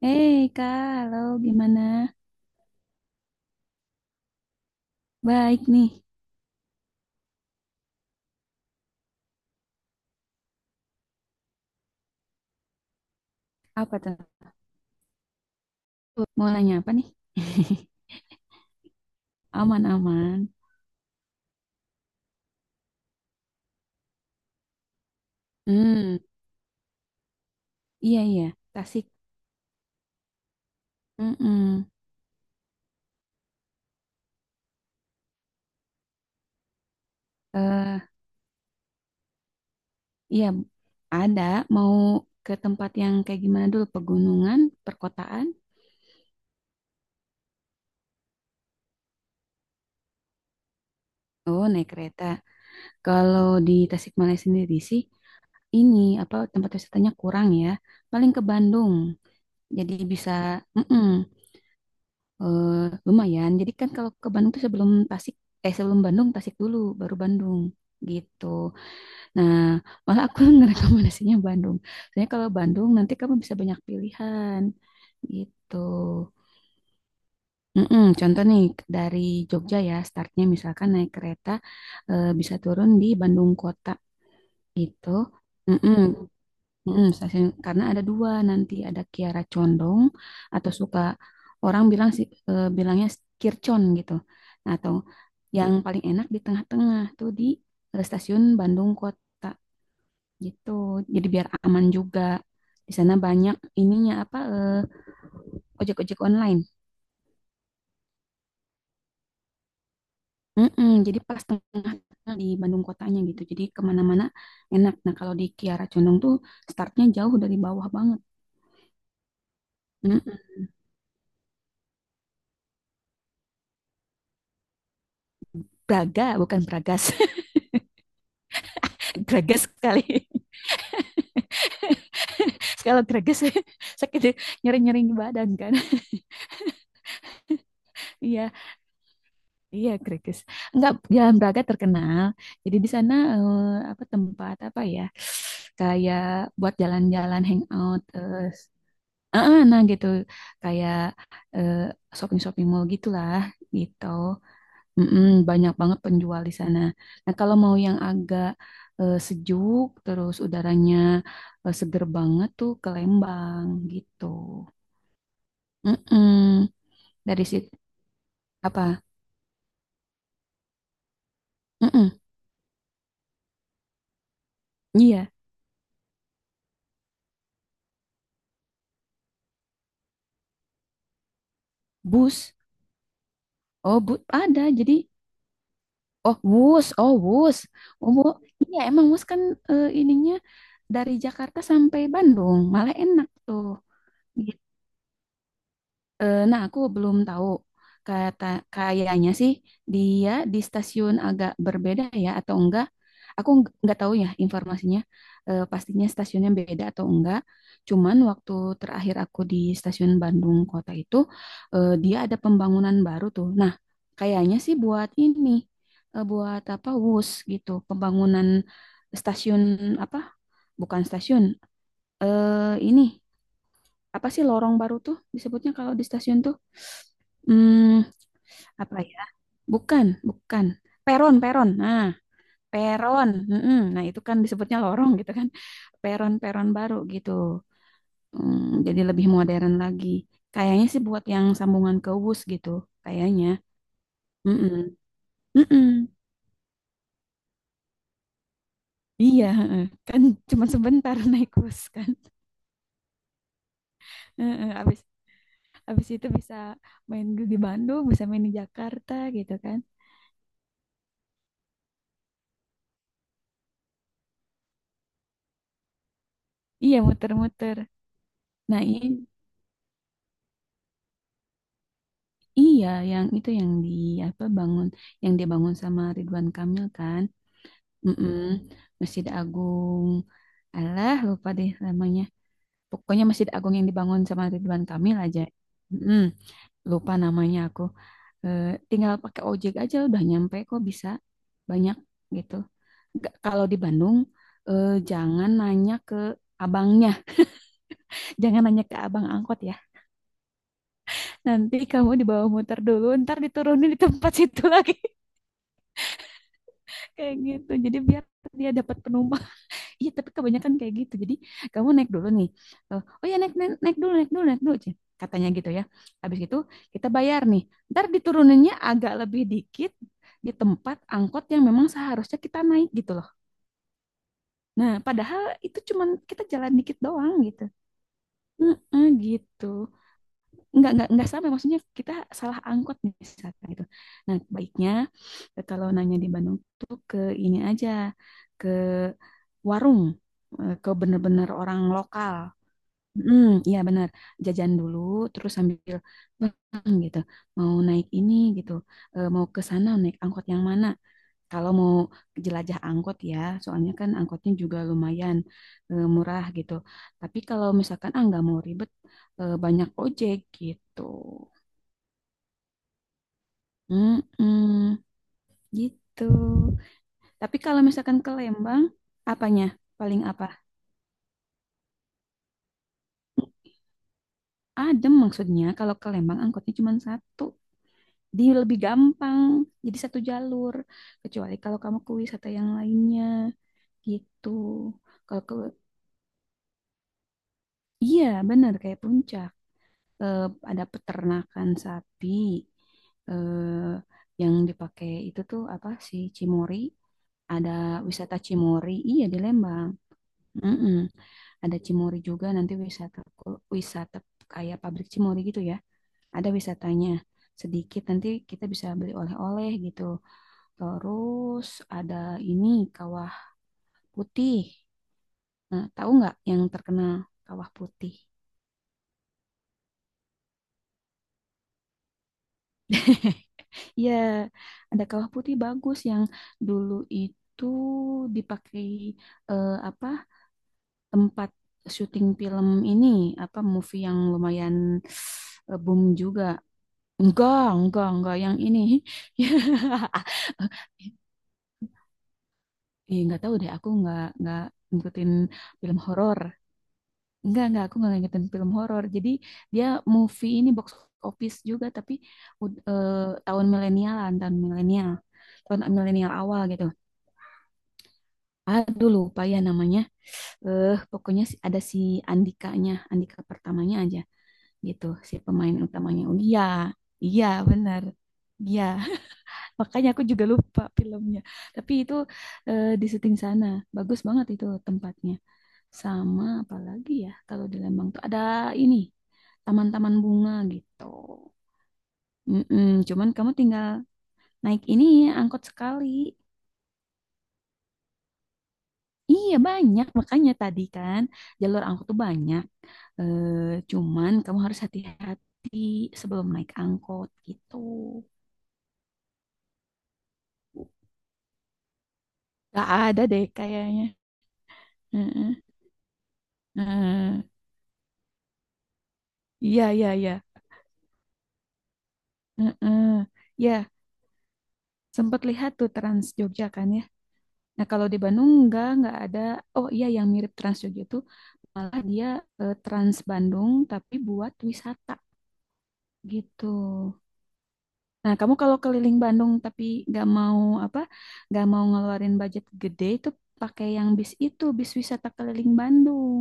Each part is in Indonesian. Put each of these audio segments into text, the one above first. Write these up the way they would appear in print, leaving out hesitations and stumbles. Hei Kak, halo gimana? Baik nih. Apa tuh? Mau nanya apa nih? Aman-aman. Hmm, iya iya. Tasik. Mm-mm. Eh, iya ada. Mau ke tempat yang kayak gimana dulu? Pegunungan, perkotaan? Oh naik kereta. Kalau di Tasikmalaya sendiri sih, ini apa tempat wisatanya kurang ya. Paling ke Bandung. Jadi bisa. Mm-mm. eh, lumayan. Jadi kan kalau ke Bandung tuh sebelum Tasik, eh sebelum Bandung Tasik dulu, baru Bandung gitu. Nah, malah aku ngerekomendasinya Bandung. Soalnya kalau Bandung nanti kamu bisa banyak pilihan gitu. Mm-mm, contoh nih dari Jogja ya, startnya misalkan naik kereta bisa turun di Bandung kota gitu. Mm-mm. Stasiun karena ada dua nanti ada Kiara Condong atau suka orang bilang sih bilangnya Kircon gitu. Nah, atau yang paling enak di tengah-tengah tuh di stasiun Bandung Kota gitu. Jadi biar aman juga. Di sana banyak ininya apa ojek-ojek online. Mm-mm, jadi pas tengah-tengah di Bandung kotanya gitu. Jadi kemana-mana enak. Nah kalau di Kiara Condong tuh startnya jauh dari bawah banget. Mm-mm. Braga bukan Bragas, Bragas sekali. Kalau greges sakit, nyeri nyeri di badan kan. Iya iya, greges. Enggak, Jalan Braga terkenal, jadi di sana apa tempat apa ya, kayak buat jalan-jalan, hangout ah, ah, nah gitu, kayak eh, shopping-shopping mall gitulah, gitu. Mm-mm, banyak banget penjual di sana. Nah kalau mau yang agak sejuk terus udaranya seger banget tuh ke Lembang gitu. Mm-mm. Dari situ. Apa? Mm-mm. Iya, bus. Oh, ada. Jadi, oh, bus. Oh, bus. Oh, bu. Iya, emang bus kan ininya dari Jakarta sampai Bandung. Malah enak tuh. Iya. Nah, aku belum tahu. Kata kayaknya sih dia di stasiun agak berbeda ya atau enggak. Aku nggak tahu ya informasinya. Pastinya stasiunnya beda atau enggak. Cuman waktu terakhir aku di stasiun Bandung Kota itu dia ada pembangunan baru tuh. Nah, kayaknya sih buat ini buat apa WUS gitu, pembangunan stasiun apa? Bukan stasiun. Ini apa sih lorong baru tuh disebutnya kalau di stasiun tuh? Hmm, apa ya? Bukan, bukan. Peron, peron. Nah, peron. Mm-mm. Nah, itu kan disebutnya lorong gitu kan. Peron-peron baru gitu. Hmm, jadi lebih modern lagi. Kayaknya sih buat yang sambungan ke WUS gitu. Kayaknya. Mm-mm. Mm-mm. Iya, heeh. Kan cuma sebentar naik bus kan. Heeh, habis itu bisa main di Bandung, bisa main di Jakarta gitu kan. Iya, muter-muter. Nah, iya yang itu, yang di apa bangun, yang dia bangun sama Ridwan Kamil kan. Mm-mm. Masjid Agung. Alah, lupa deh namanya. Pokoknya Masjid Agung yang dibangun sama Ridwan Kamil aja. Mm-mm. Lupa namanya aku. Eh, Tinggal pakai ojek aja udah nyampe kok, bisa banyak gitu. Kalau di Bandung jangan nanya ke abangnya, jangan nanya ke abang angkot ya. Nanti kamu dibawa muter dulu, ntar diturunin di tempat situ lagi. Kayak gitu jadi biar dia dapat penumpang. Iya tapi kebanyakan kayak gitu, jadi kamu naik dulu nih. Oh ya naik, naik naik dulu naik dulu naik dulu Cen. Katanya gitu ya, habis itu kita bayar nih, ntar dituruninnya agak lebih dikit di tempat angkot yang memang seharusnya kita naik gitu loh. Nah padahal itu cuman kita jalan dikit doang gitu. Mm-mm, gitu. Nggak sama maksudnya, kita salah angkot misalkan gitu. Nah baiknya kalau nanya di Bandung tuh ke ini aja, ke warung ke bener-bener orang lokal. Hmm, iya benar. Jajan dulu, terus sambil "Bang," gitu. Mau naik ini gitu. Eh, mau ke sana naik angkot yang mana? Kalau mau jelajah angkot ya, soalnya kan angkotnya juga lumayan murah gitu. Tapi kalau misalkan ah nggak mau ribet, banyak ojek gitu. Mm-mm, gitu. Tapi kalau misalkan ke Lembang, apanya? Paling apa? Adem maksudnya. Kalau ke Lembang angkotnya cuma satu. Dia lebih gampang, jadi satu jalur. Kecuali kalau kamu ke wisata yang lainnya gitu. Kalau ke. Iya, benar kayak puncak. eh, ada peternakan sapi eh, yang dipakai itu tuh apa sih Cimory, ada wisata Cimory, iya di Lembang. Mm-mm. Ada Cimory juga, nanti wisata wisata kayak pabrik Cimory gitu ya, ada wisatanya sedikit, nanti kita bisa beli oleh-oleh gitu. Terus ada ini Kawah Putih. Nah, tahu nggak yang terkenal Kawah Putih? Iya, ada kawah putih bagus yang dulu itu dipakai apa tempat syuting film ini, apa movie yang lumayan boom juga. Enggak yang ini. Ya, Ih, nggak tahu deh, aku nggak ngikutin film horor. Enggak, aku nggak ngikutin film horor. Jadi dia movie ini box office juga, tapi ud- eh, tahun milenialan, tahun milenial awal gitu. Aduh lupa ya namanya. Pokoknya ada si Andikanya, Andika pertamanya aja gitu, si pemain utamanya. Oh iya, iya benar. Iya, makanya aku juga lupa filmnya. Tapi itu di syuting sana. Bagus banget itu tempatnya. Sama apalagi ya kalau di Lembang tuh ada ini, taman-taman bunga gitu. Mm-mm, cuman kamu tinggal naik ini angkot sekali. Iya banyak, makanya tadi kan jalur angkot tuh banyak. Eh, Cuman kamu harus hati-hati sebelum naik angkot gitu. Gak ada deh kayaknya. Heeh. Heeh. Iya, iya, iya. Heeh. Ya, sempat lihat tuh Trans Jogja kan ya. Nah, kalau di Bandung enggak ada. Oh iya, yang mirip Trans Jogja tuh malah dia Trans Bandung, tapi buat wisata gitu. Nah, kamu kalau keliling Bandung tapi nggak mau apa, nggak mau ngeluarin budget gede, itu pakai yang bis itu, bis wisata keliling Bandung.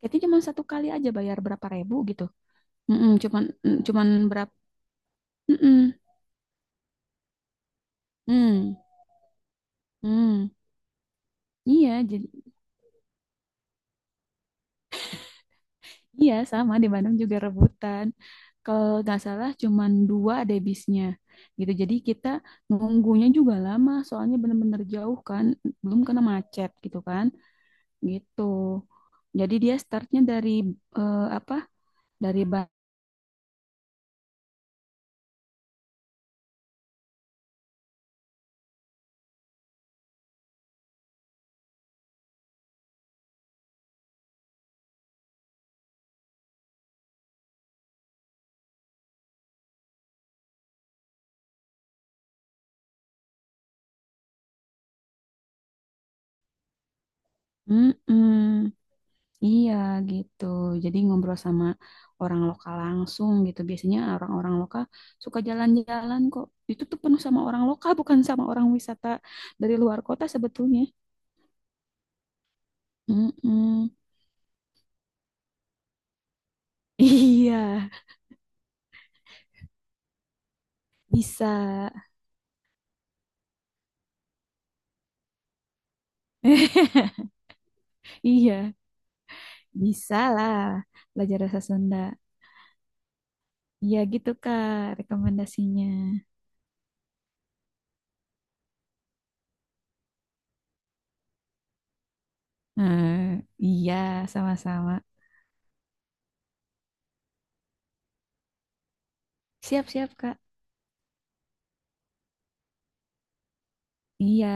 Tiketnya cuma satu kali aja bayar berapa ribu gitu. Mm-mm, cuman berapa? Mm-mm, mm, mm. Iya, jadi iya, sama di Bandung juga rebutan. Kalau nggak salah cuman dua deh bisnya gitu. Jadi kita nunggunya juga lama, soalnya bener-bener jauh kan, belum kena macet gitu kan. Gitu. Jadi dia startnya dari apa? Dari ba- Mm-mm. Iya gitu. Jadi ngobrol sama orang lokal langsung gitu. Biasanya orang-orang lokal suka jalan-jalan kok. Itu tuh penuh sama orang lokal, bukan sama orang wisata dari luar kota sebetulnya. Mm-mm. Iya, bisa. Iya, bisa lah belajar bahasa Sunda. Iya gitu Kak, rekomendasinya. Nah, iya, sama-sama. Siap-siap, Kak. Iya.